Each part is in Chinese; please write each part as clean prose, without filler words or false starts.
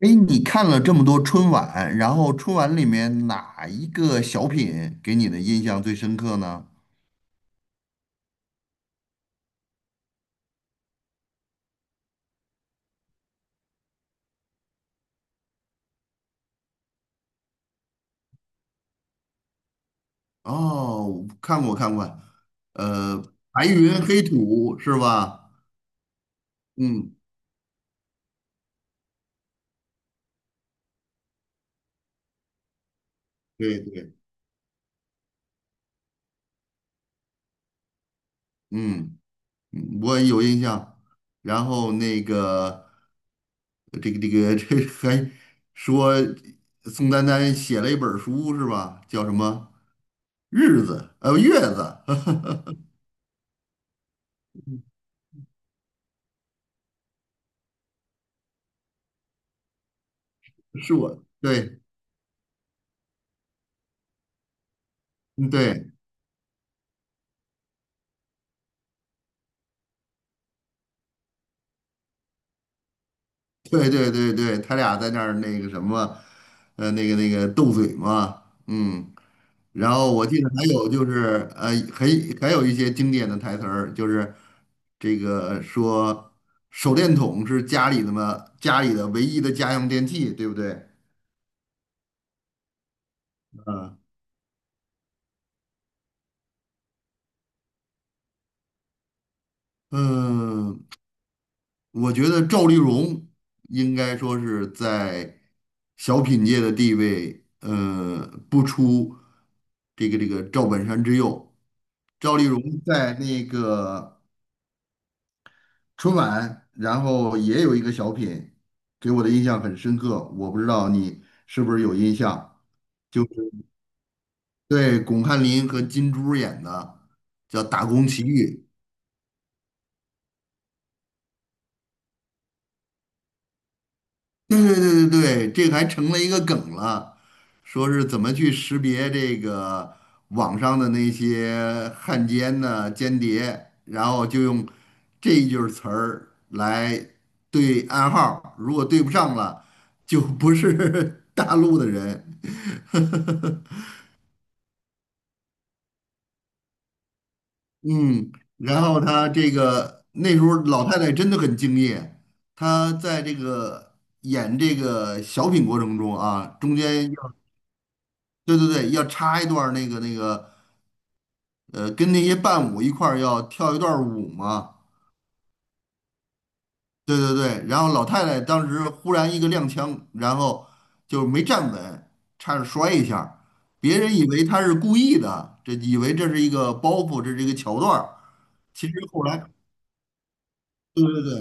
哎，你看了这么多春晚，然后春晚里面哪一个小品给你的印象最深刻呢？哦，看过看过，呃，白云黑土是吧？嗯，对对，嗯，嗯我有印象。然后那个这个 这还说宋丹丹写了一本书是吧？叫什么日子？月子 是我对嗯对。对对对对，他俩在那儿那个什么，那个斗嘴嘛，嗯，然后我记得还有就是，还有一些经典的台词儿，就是这个说手电筒是家里的嘛，家里的唯一的家用电器，对不对？嗯嗯，我觉得赵丽蓉应该说是在小品界的地位，不出这个赵本山之右。赵丽蓉在那个春晚，然后也有一个小品，给我的印象很深刻。我不知道你是不是有印象，就是对巩汉林和金珠演的，叫《打工奇遇》。对对对对对，这个还成了一个梗了，说是怎么去识别这个网上的那些汉奸呢、间谍，然后就用这一句儿词儿来对暗号儿，如果对不上了，就不是 大陆的人。嗯，然后他这个那时候老太太真的很敬业，她在这个演这个小品过程中啊，中间。对对对，要插一段儿那个，跟那些伴舞一块儿要跳一段儿舞嘛。对对对，然后老太太当时忽然一个踉跄，然后就没站稳，差点摔一下别人以为她是故意的，这以为这是一个包袱，这是一个桥段儿其实后来，对对对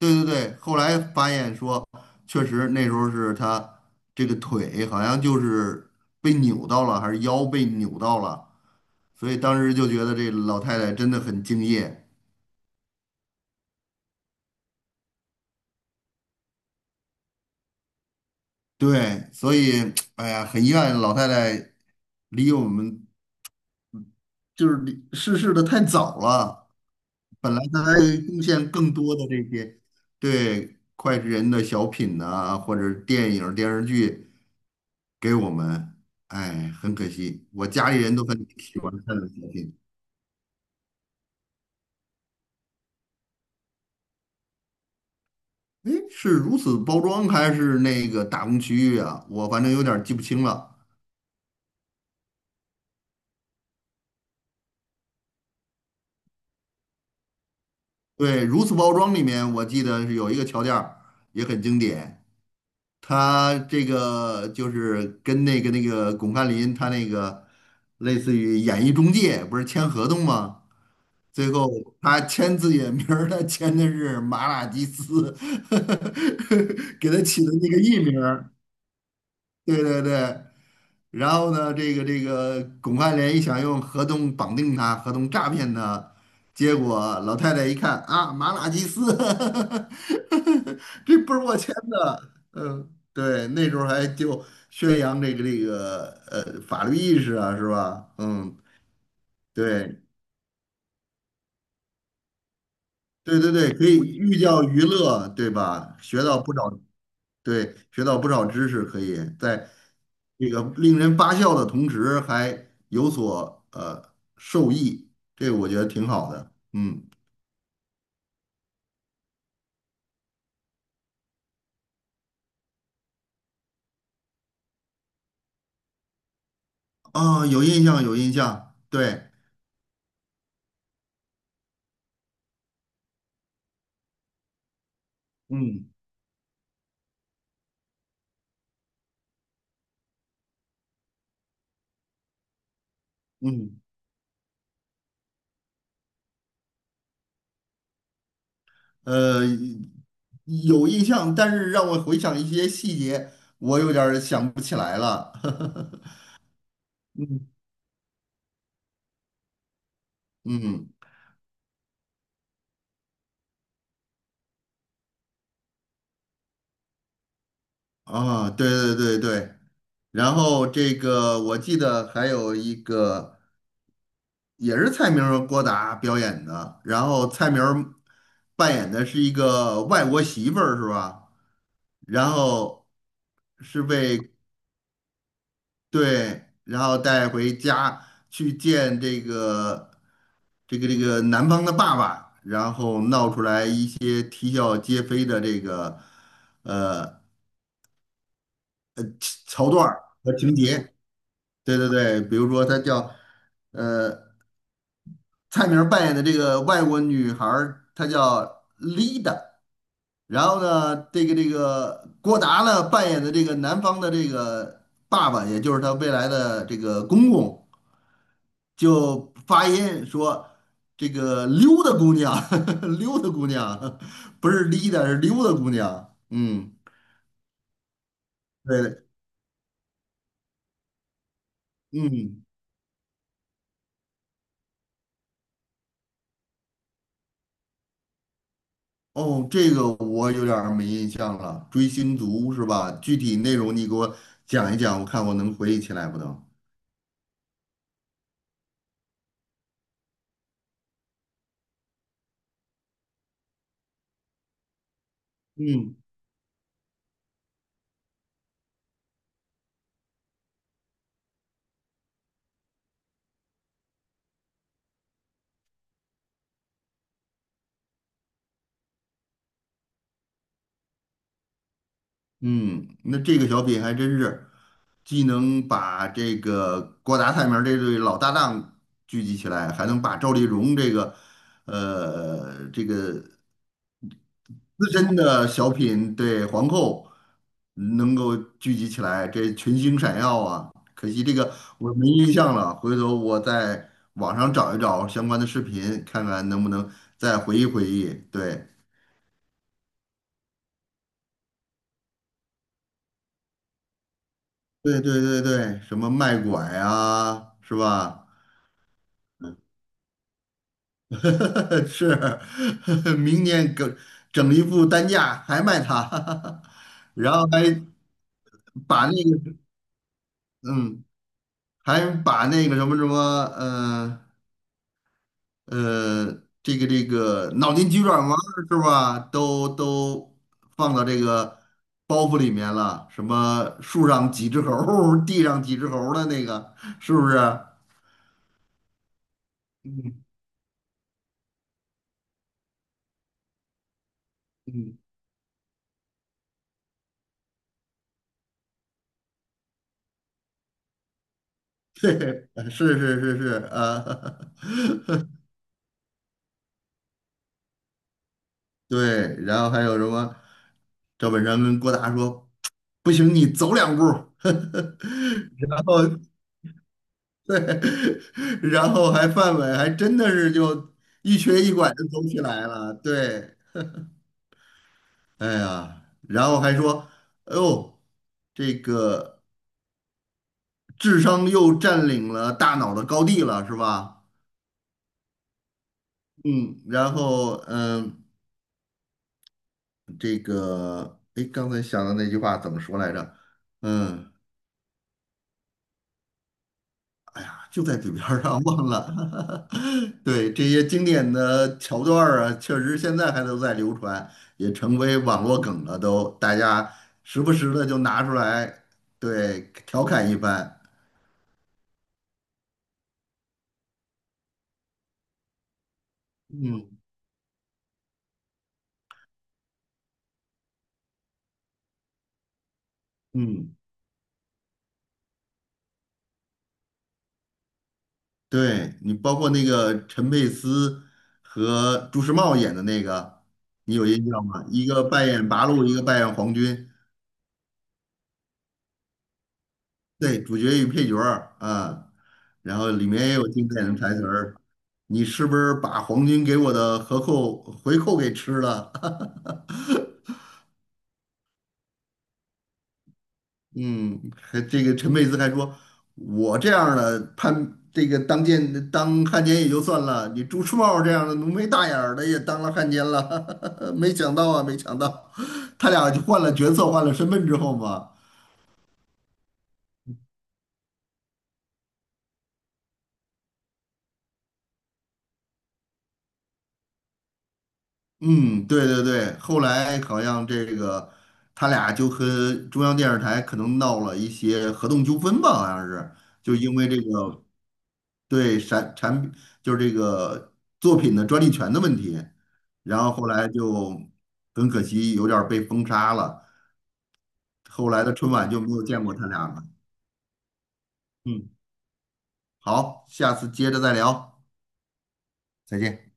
对对对，后来发现说，确实那时候是她这个腿好像就是被扭到了，还是腰被扭到了。所以当时就觉得这老太太真的很敬业，对，所以哎呀，很遗憾老太太离我们就是离逝世的太早了，本来她还贡献更多的这些对脍炙人的小品呐、或者电影电视剧给我们，哎，很可惜，我家里人都很喜欢看的小品，哎，是如此包装还是那个打工区域啊？我反正有点儿记不清了。对，如此包装里面，我记得是有一个桥段儿也很经典，他这个就是跟那个巩汉林他那个类似于演艺中介，不是签合同吗？最后他签自己的名儿，他签的是马拉基斯，给他起的那个艺名。对对对。然后呢，这个巩汉林想用合同绑定他，合同诈骗他，结果老太太一看啊，马拉基斯，这不是我签的，嗯，对，那时候还就宣扬这个法律意识啊，是吧？嗯，对对对对，可以寓教于乐，对吧？学到不少对，学到不少知识，可以在这个令人发笑的同时，还有所受益，这个我觉得挺好的。嗯，啊、有印象，有印象，对，嗯嗯，呃，有印象，但是让我回想一些细节，我有点儿想不起来了。嗯嗯，啊，对对对对，然后这个我记得还有一个。也是蔡明儿和郭达表演的，然后蔡明儿扮演的是一个外国媳妇儿，是吧？然后是被对，然后带回家去见这个男方的爸爸，然后闹出来一些啼笑皆非的这个呃桥段儿和情节。对对对，比如说他叫。呃。蔡明儿扮演的这个外国女孩儿她叫 Lida，然后呢，这个郭达呢扮演的这个男方的这个爸爸，也就是他未来的这个公公，就发音说这个溜达姑娘，溜达姑娘，不是 Lida，是溜达姑娘。嗯，对的，嗯，哦，这个我有点儿没印象了，《追星族》是吧？具体内容你给我讲一讲，我看我能回忆起来不能？嗯。嗯，那这个小品还真是既能把这个郭达、蔡明儿这对老搭档聚集起来，还能把赵丽蓉这个资深的小品对皇后能够聚集起来，这群星闪耀啊！可惜这个我没印象了，回头我在网上找一找相关的视频，看看能不能再回忆回忆。对，对对对对，什么卖拐啊，是吧？是，明年整整一副担架还卖它，然后还把那个嗯，还把那个什么什么呃呃，这个脑筋急转弯儿是吧？都放到这个包袱里面了，什么树上几只猴儿地上几只猴儿的那个，是不是？嗯嗯，对，是是是是啊，对，然后还有什么？赵本山跟郭达说："不行，你走两步 儿。" 然后对，然后还范伟还真的是就一瘸一拐的走起来了。对，哎呀，然后还说："哎呦，这个智商又占领了大脑的高地了，是吧？"嗯，然后这个哎，刚才想的那句话怎么说来着？嗯。哎呀，就在嘴边儿上忘了。对，这些经典的桥段儿啊，确实现在还都在流传，也成为网络梗了都，大家时不时的就拿出来，对，调侃一番。嗯嗯，对你包括那个陈佩斯和朱时茂演的那个，你有印象吗？一个扮演八路，一个扮演皇军。对，主角与配角儿啊，然后里面也有经典的台词儿。你是不是把皇军给我的合扣回扣给吃了？嗯，还这个陈佩斯还说，我这样儿的叛，这个当奸当汉奸也就算了，你朱时茂这样的浓眉大眼儿的也当了汉奸了，没想到啊，没想到，他俩就换了角色，换了身份之后嘛，嗯，对对对，后来好像这个他俩就和中央电视台可能闹了一些合同纠纷吧，好像是，就因为这个对产品就是这个作品的专利权的问题，然后后来就很可惜有点儿被封杀了，后来的春晚就没有见过他俩了。嗯，好，下次接着再聊，再见。